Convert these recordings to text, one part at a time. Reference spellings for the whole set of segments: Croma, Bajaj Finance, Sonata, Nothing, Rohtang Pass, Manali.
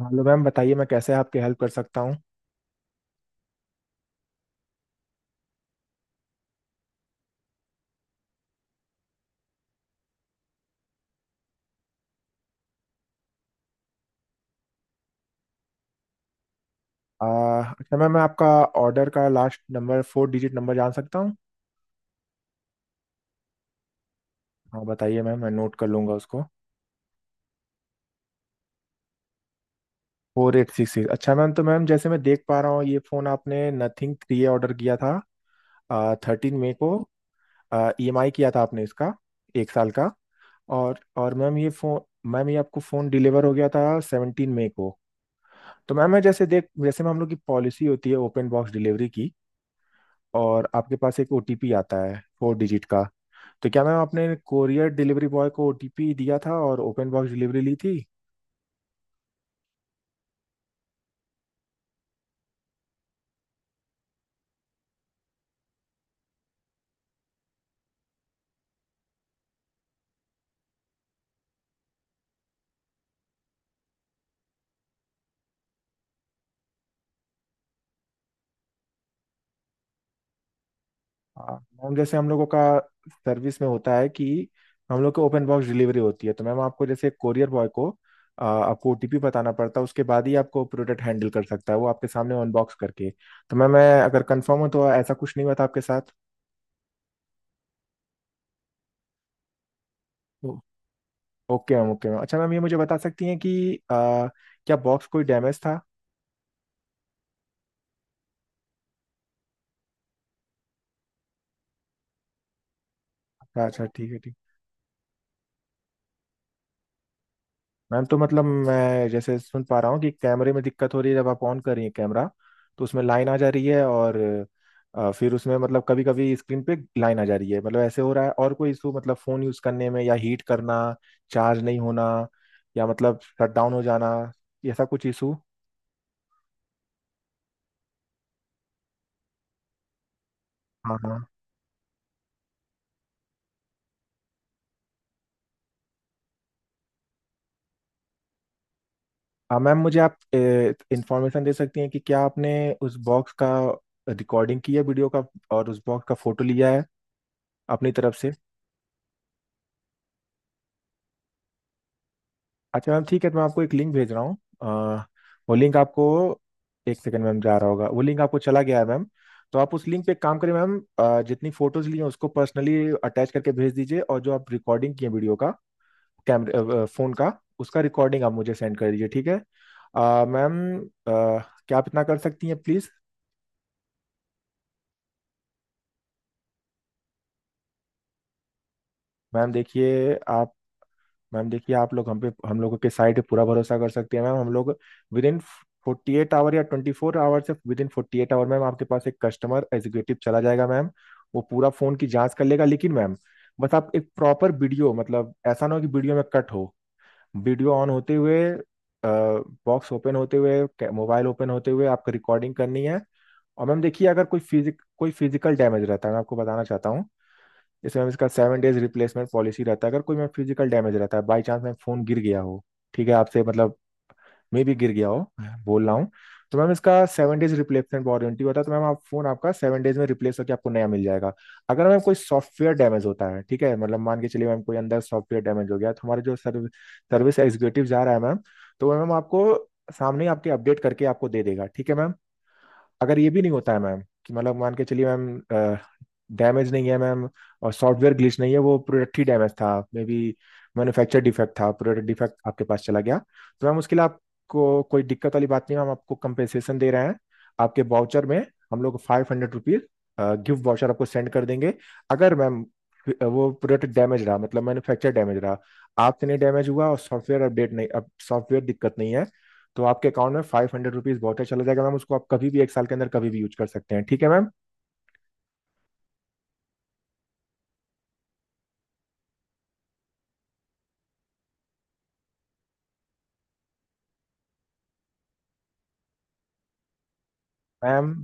Hello ma'am, बताइए मैं कैसे आपकी हेल्प कर सकता हूँ। आ, अच्छा मैम, मैं आपका ऑर्डर का last number, four digit number जान सकता हूँ। हाँ बताइए मैम, मैं नोट कर लूँगा उसको। 4866। अच्छा मैम, तो मैम जैसे मैं देख पा रहा हूँ ये फ़ोन आपने नथिंग थ्री ऑर्डर किया था 13 मई को। ई एम आई किया था आपने इसका, एक साल का। और मैम ये फ़ोन, मैम ये आपको फ़ोन डिलीवर हो गया था 17 मई को। तो मैम मैं जैसे मैम, हम लोग की पॉलिसी होती है ओपन बॉक्स डिलीवरी की, और आपके पास एक ओटीपी आता है फोर डिजिट का। तो क्या मैम आपने कोरियर डिलीवरी बॉय को ओटीपी दिया था और ओपन बॉक्स डिलीवरी ली थी। हाँ मैम, जैसे हम लोगों का सर्विस में होता है कि हम लोग को ओपन बॉक्स डिलीवरी होती है, तो मैम आपको जैसे कोरियर बॉय को आपको ओटीपी बताना पड़ता है, उसके बाद ही आपको प्रोडक्ट हैंडल कर सकता है वो, आपके सामने अनबॉक्स करके। तो मैम मैं अगर कंफर्म हूँ तो ऐसा कुछ नहीं हुआ था आपके साथ। ओ- ओके मैम, ओके मैम। अच्छा मैम, ये मुझे बता सकती हैं कि आ, क्या बॉक्स कोई डैमेज था। अच्छा अच्छा, ठीक है ठीक। मैम तो मतलब मैं जैसे सुन पा रहा हूँ कि कैमरे में दिक्कत हो रही है, जब आप ऑन कर रही हैं कैमरा तो उसमें लाइन आ जा रही है, और फिर उसमें मतलब कभी कभी स्क्रीन पे लाइन आ जा रही है। मतलब ऐसे हो रहा है, और कोई इशू मतलब फ़ोन यूज़ करने में, या हीट करना, चार्ज नहीं होना, या मतलब शटडाउन हो जाना, ऐसा कुछ इशू। हाँ हाँ। हाँ मैम, मुझे आप इंफॉर्मेशन दे सकती हैं कि क्या आपने उस बॉक्स का रिकॉर्डिंग की है, वीडियो का, और उस बॉक्स का फोटो लिया है अपनी तरफ से। अच्छा मैम ठीक है, तो मैं आपको एक लिंक भेज रहा हूँ वो लिंक आपको, एक सेकंड मैम, जा रहा होगा। वो लिंक आपको चला गया है मैम, तो आप उस लिंक पे एक काम करें मैम, जितनी फोटोज ली हैं उसको पर्सनली अटैच करके भेज दीजिए, और जो आप रिकॉर्डिंग किए वीडियो का, कैमरे फोन का, उसका रिकॉर्डिंग आप मुझे सेंड कर दीजिए, ठीक है। मैम, क्या आप इतना कर सकती हैं, प्लीज। मैम देखिए आप मैम देखिए, आप लोग हम लोगों के साइड पे पूरा भरोसा कर सकती है मैम। हम लोग विद इन 48 आवर या 24 आवर से within forty eight hour ma'am, आपके पास एक कस्टमर एग्जीक्यूटिव चला जाएगा मैम, वो पूरा फ़ोन की जांच कर लेगा। लेकिन मैम, बस आप एक प्रॉपर वीडियो, मतलब ऐसा ना हो कि वीडियो में कट हो। वीडियो ऑन होते हुए, बॉक्स ओपन होते हुए, मोबाइल ओपन होते हुए आपको रिकॉर्डिंग करनी है। और मैम देखिए, अगर कोई फिजिक कोई फिजिकल डैमेज रहता है, मैं आपको बताना चाहता हूँ, जैसे मैम इसका 7 डेज रिप्लेसमेंट पॉलिसी रहता है। अगर कोई मैम फिजिकल डैमेज रहता है, बाई चांस मैम फोन गिर गया हो, ठीक है, आपसे मतलब मैं भी गिर गया हो बोल रहा हूँ, तो मैम इसका सेवन डेज रिप्लेसमेंट वारंटी होता है। तो मैम आप फोन, आपका 7 डेज में रिप्लेस होकर आपको नया मिल जाएगा। अगर मैम कोई सॉफ्टवेयर डैमेज होता है, ठीक है, मतलब मान के चलिए मैम कोई अंदर सॉफ्टवेयर डैमेज हो गया, तो हमारे जो सर्विस सर्विस एग्जीक्यूटिव जा रहा है मैम, तो वो मैम आपको सामने ही आपके अपडेट करके आपको दे देगा, ठीक है मैम। अगर ये भी नहीं होता है मैम, कि मतलब मान के चलिए मैम, डैमेज नहीं है मैम, और सॉफ्टवेयर ग्लिच नहीं है, वो प्रोडक्ट ही डैमेज था मे बी, मैन्युफैक्चर डिफेक्ट था, प्रोडक्ट डिफेक्ट आपके पास चला गया, तो मैम उसके लिए आपको कोई दिक्कत वाली बात नहीं है, हम आपको कंपेंसेशन दे रहे हैं आपके वाउचर में। हम लोग 500 रुपीज गिफ्ट वाउचर आपको सेंड कर देंगे, अगर मैम वो प्रोडक्ट डैमेज रहा, मतलब मैन्युफैक्चर डैमेज रहा, आपसे नहीं डैमेज हुआ और सॉफ्टवेयर दिक्कत नहीं है, तो आपके अकाउंट में 500 रुपीज बहुत है, चला जाएगा मैम। उसको आप कभी भी एक साल के अंदर कभी भी यूज कर सकते हैं, ठीक है मैम। मैम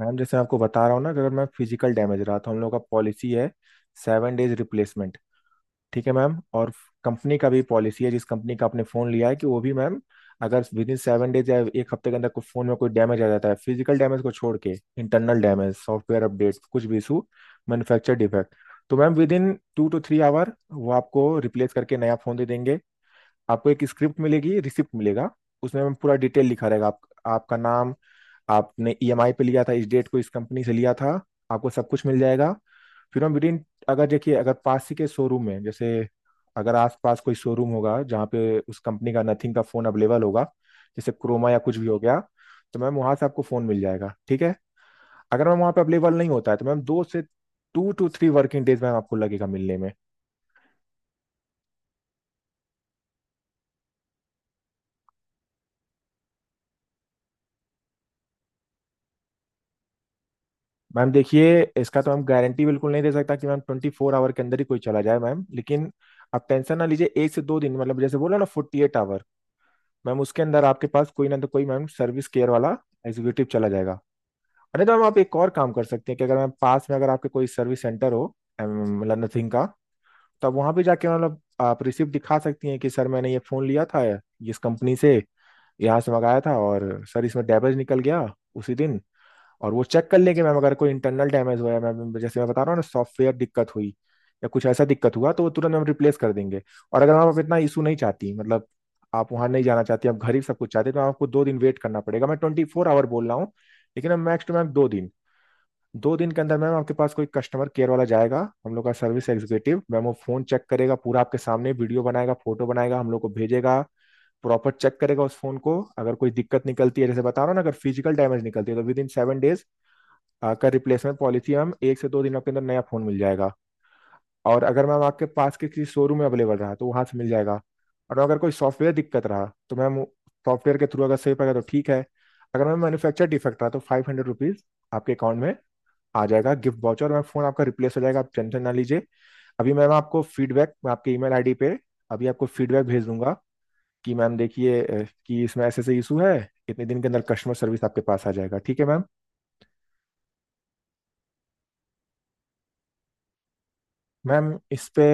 मैम जैसे मैं आपको बता रहा हूँ ना कि अगर मैं फिजिकल डैमेज रहा तो हम लोग का पॉलिसी है 7 डेज रिप्लेसमेंट, ठीक है मैम। और कंपनी का भी पॉलिसी है, जिस कंपनी का आपने फ़ोन लिया है, कि वो भी मैम, अगर विद इन 7 डेज या एक हफ्ते के अंदर कोई फ़ोन में कोई डैमेज आ जाता है, फिजिकल डैमेज को छोड़ के, इंटरनल डैमेज, सॉफ्टवेयर अपडेट, कुछ भी इशू, मैन्युफैक्चर डिफेक्ट, तो ma'am with in 2 to 3 our वो आपको रिप्लेस करके नया फ़ोन दे देंगे। आपको एक स्क्रिप्ट मिलेगी, रिसिप्ट मिलेगा, उसमें हम पूरा डिटेल लिखा रहेगा, आपका नाम, आपने ईएमआई पे लिया था, इस डेट को इस कंपनी से लिया था, आपको सब कुछ मिल जाएगा। फिर हम विदिन, अगर पास ही के शोरूम है, जैसे अगर आसपास कोई शोरूम होगा जहाँ पे उस कंपनी का नथिंग का फ़ोन अवेलेबल होगा, जैसे क्रोमा या कुछ भी हो गया, तो मैम वहाँ से आपको फ़ोन मिल जाएगा, ठीक है। अगर मैम वहाँ पे अवेलेबल नहीं होता है, तो मैम दो से 2 to 3 वर्किंग डेज मैम आपको लगेगा मिलने में। मैम देखिए, इसका तो हम गारंटी बिल्कुल नहीं दे सकता कि मैम 24 आवर के अंदर ही कोई चला जाए मैम, लेकिन आप टेंशन ना लीजिए, एक से दो दिन, मतलब जैसे बोला ना 48 आवर मैम, उसके अंदर आपके पास कोई ना तो कोई मैम सर्विस केयर वाला एग्जीक्यूटिव चला जाएगा। और नहीं तो मैम, आप एक और काम कर सकते हैं कि अगर मैम पास में, अगर आपके कोई सर्विस सेंटर हो मतलब नथिंग का, तो आप वहाँ भी जाके, मतलब आप रिसिप्ट दिखा सकती हैं कि सर मैंने ये फ़ोन लिया था इस कंपनी से, यहाँ से मंगाया था, और सर इसमें डैमेज निकल गया उसी दिन। और वो चेक कर लेंगे मैम, अगर कोई इंटरनल डैमेज हुआ है मैम, जैसे मैं बता रहा हूँ ना, सॉफ्टवेयर दिक्कत हुई या कुछ ऐसा दिक्कत हुआ, तो वो तुरंत हम रिप्लेस कर देंगे। और अगर आप इतना इशू नहीं चाहती, मतलब आप वहां नहीं जाना चाहती, आप घर ही सब कुछ चाहते, तो आपको दो दिन वेट करना पड़ेगा। मैं 24 आवर बोल रहा हूँ, लेकिन मैम मैक्स टू मैम दो दिन, दो दिन के अंदर मैम आपके पास कोई कस्टमर केयर वाला जाएगा, हम लोग का सर्विस एग्जीक्यूटिव मैम। वो फोन चेक करेगा पूरा आपके सामने, वीडियो बनाएगा, फोटो बनाएगा, हम लोग को भेजेगा, प्रॉपर चेक करेगा उस फोन को। अगर कोई दिक्कत निकलती है, जैसे बता रहा हूँ ना, अगर फिजिकल डैमेज निकलती है, तो विद इन सेवन डेज का रिप्लेसमेंट पॉलिसी मैम, एक से दो दिनों के अंदर नया फोन मिल जाएगा। और अगर मैम आपके पास के किसी शोरूम में अवेलेबल रहा तो वहां से मिल जाएगा। और अगर कोई सॉफ्टवेयर दिक्कत रहा, तो मैम सॉफ्टवेयर के थ्रू अगर सही पड़ेगा तो ठीक है। अगर मैम मैन्युफैक्चर डिफेक्ट रहा, तो 500 रुपीज आपके अकाउंट में आ जाएगा गिफ्ट वाउचर, और मैम फोन आपका रिप्लेस हो जाएगा, आप टेंशन ना लीजिए। अभी मैम आपको फीडबैक मैं आपके ईमेल आईडी पे अभी आपको फीडबैक भेज दूंगा, कि मैम देखिए कि इसमें ऐसे ऐसे इशू है, इतने दिन के अंदर कस्टमर सर्विस आपके पास आ जाएगा, ठीक है मैम। मैम इस पे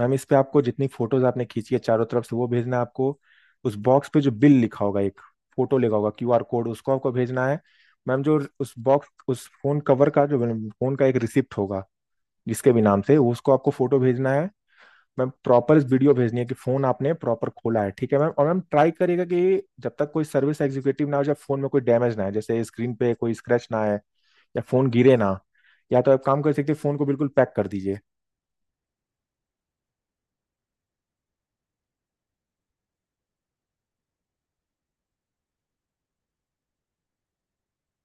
मैम इस पे आपको जितनी फोटोज आपने खींची है चारों तरफ से, वो भेजना है आपको। उस बॉक्स पे जो बिल लिखा होगा, एक फोटो लिखा होगा, क्यूआर कोड, उसको आपको भेजना है मैम। जो उस बॉक्स, उस फोन कवर का जो, फोन का एक रिसिप्ट होगा, जिसके भी नाम से, उसको आपको फोटो भेजना है मैम। प्रॉपर वीडियो भेजनी है कि फोन आपने प्रॉपर खोला है, ठीक है मैम। और मैम ट्राई करिएगा कि जब तक कोई सर्विस एग्जीक्यूटिव ना हो, जब फोन में कोई डैमेज ना है, जैसे स्क्रीन पे कोई स्क्रैच ना आए या फोन गिरे ना, या तो आप काम कर सकते, फोन को बिल्कुल पैक कर दीजिए।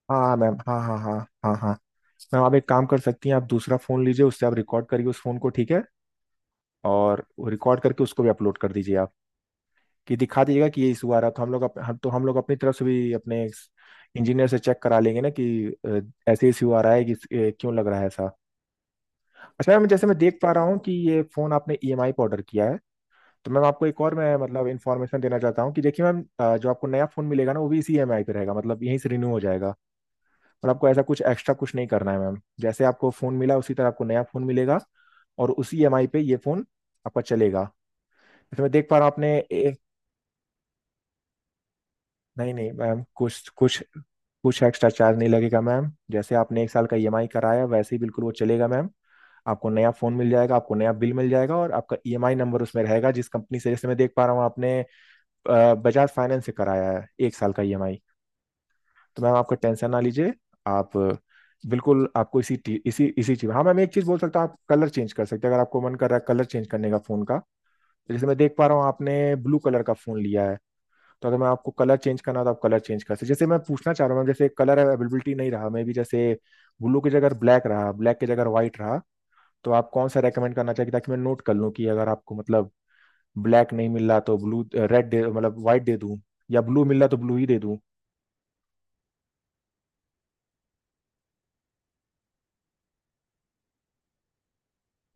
हाँ मैम, हाँ हाँ हाँ, हाँ हाँ। मैम आप एक काम कर सकती हैं, आप दूसरा फ़ोन लीजिए, उससे आप रिकॉर्ड करिए उस फ़ोन को, ठीक है, और रिकॉर्ड करके उसको भी अपलोड कर दीजिए आप। कि दिखा दीजिएगा कि ये इशू आ रहा, तो हम लोग अप, हम तो हम लोग अपनी तरफ से भी अपने इंजीनियर से चेक करा लेंगे ना, कि अ, ऐसे इशू आ रहा है, कि क्यों लग रहा है ऐसा। अच्छा मैम, जैसे मैं देख पा रहा हूँ कि ये फ़ोन आपने ईएमआई पर ऑर्डर किया है, तो मैम आपको एक और मैं मतलब इन्फॉर्मेशन देना चाहता हूँ, कि देखिए मैम जो आपको नया फ़ोन मिलेगा ना, वो भी इसी ईएमआई पे रहेगा मतलब यहीं से रिन्यू हो जाएगा। और आपको ऐसा कुछ एक्स्ट्रा कुछ नहीं करना है मैम। जैसे आपको फ़ोन मिला उसी तरह आपको नया फ़ोन मिलेगा और उसी ईएमआई पे ये फ़ोन आपका चलेगा। जैसे मैं देख पा रहा हूँ आपने नहीं नहीं मैम कुछ कुछ कुछ एक्स्ट्रा चार्ज नहीं लगेगा मैम। जैसे आपने एक साल का ईएमआई कराया वैसे ही बिल्कुल वो चलेगा मैम। आपको नया फ़ोन मिल जाएगा, आपको नया बिल मिल जाएगा और आपका ईएमआई नंबर उसमें रहेगा जिस कंपनी से। जैसे मैं देख पा रहा हूँ आपने बजाज फाइनेंस से कराया है एक साल का ईएमआई। तो मैम आपको टेंशन ना लीजिए। आप बिल्कुल आपको इसी टी- इसी इसी चीज, हाँ मैम एक चीज बोल सकता हूँ, आप कलर चेंज कर सकते हैं अगर आपको मन कर रहा है कलर चेंज करने का फोन का। तो जैसे मैं देख पा रहा हूँ आपने ब्लू कलर का फोन लिया है। तो अगर मैं आपको कलर चेंज करना हो तो आप कलर चेंज कर सकते हैं। जैसे मैं पूछना चाह रहा हूँ मैम, जैसे कलर अवेलेबिलिटी नहीं रहा मे भी, जैसे ब्लू की जगह ब्लैक रहा, ब्लैक की जगह व्हाइट रहा, तो आप कौन सा रेकमेंड करना चाहिए ताकि मैं नोट कर लूँ कि अगर आपको मतलब ब्लैक नहीं मिल रहा तो ब्लू रेड दे मतलब व्हाइट दे दूँ, या ब्लू मिल रहा तो ब्लू ही दे दूँ।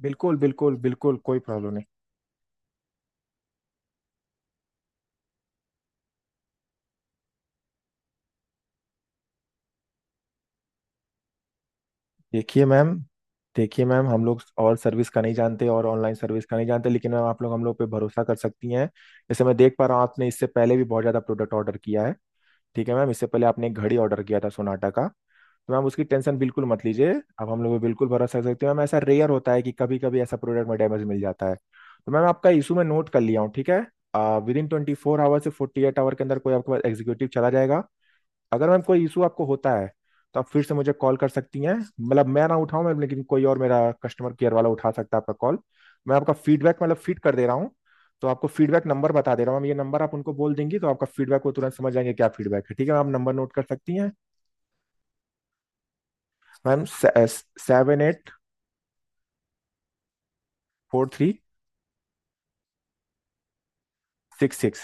बिल्कुल बिल्कुल बिल्कुल, कोई प्रॉब्लम नहीं। देखिए मैम, देखिए मैम हम लोग और सर्विस का नहीं जानते और ऑनलाइन सर्विस का नहीं जानते, लेकिन मैम आप लोग हम लोग पे भरोसा कर सकती हैं। जैसे मैं देख पा रहा हूँ आपने इससे पहले भी बहुत ज़्यादा प्रोडक्ट ऑर्डर किया है। ठीक है मैम, इससे पहले आपने एक घड़ी ऑर्डर किया था सोनाटा का। तो मैम उसकी टेंशन बिल्कुल मत लीजिए। अब हम लोग पे बिल्कुल भरोसा कर सकते हैं मैम। ऐसा रेयर होता है कि कभी कभी ऐसा प्रोडक्ट में डैमेज मिल जाता है। तो मैम आपका इशू मैं नोट कर लिया हूँ, ठीक है। विद इन 24 आवर से 48 आवर के अंदर कोई आपके पास एग्जीक्यूटिव चला जाएगा। अगर मैम कोई इशू आपको होता है तो आप फिर से मुझे कॉल कर सकती हैं, मतलब मैं ना उठाऊं मैम, लेकिन कोई और मेरा कस्टमर केयर वाला उठा सकता है आपका कॉल। मैं आपका फीडबैक मतलब फीड कर दे रहा हूँ। तो आपको फीडबैक नंबर बता दे रहा हूँ मैम। ये नंबर आप उनको बोल देंगी तो आपका फीडबैक वो तुरंत समझ जाएंगे क्या फीडबैक है। ठीक है मैम, आप नंबर नोट कर सकती हैं। मैम, 78 43 66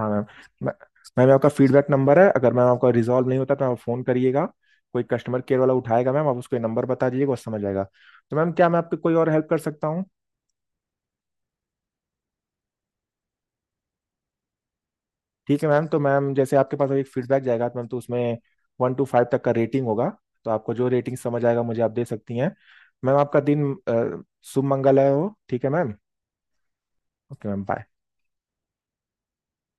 हाँ मैम। मैं- मैम ये आपका फीडबैक नंबर है। अगर मैम आपका रिजॉल्व नहीं होता तो आप फ़ोन करिएगा। कोई कस्टमर केयर वाला उठाएगा मैम, आप उसको ये नंबर बता दीजिएगा वो समझ जाएगा। तो मैम क्या मैं आपकी कोई और हेल्प कर सकता हूँ। ठीक है मैम, तो मैम जैसे आपके पास अभी एक फीडबैक जाएगा तो मैम तो उसमें 1 से 5 तक का रेटिंग होगा। तो आपको जो रेटिंग समझ आएगा मुझे आप दे सकती हैं। मैम आपका दिन शुभ मंगल है हो, ठीक है मैम। Okay ma'am, bye.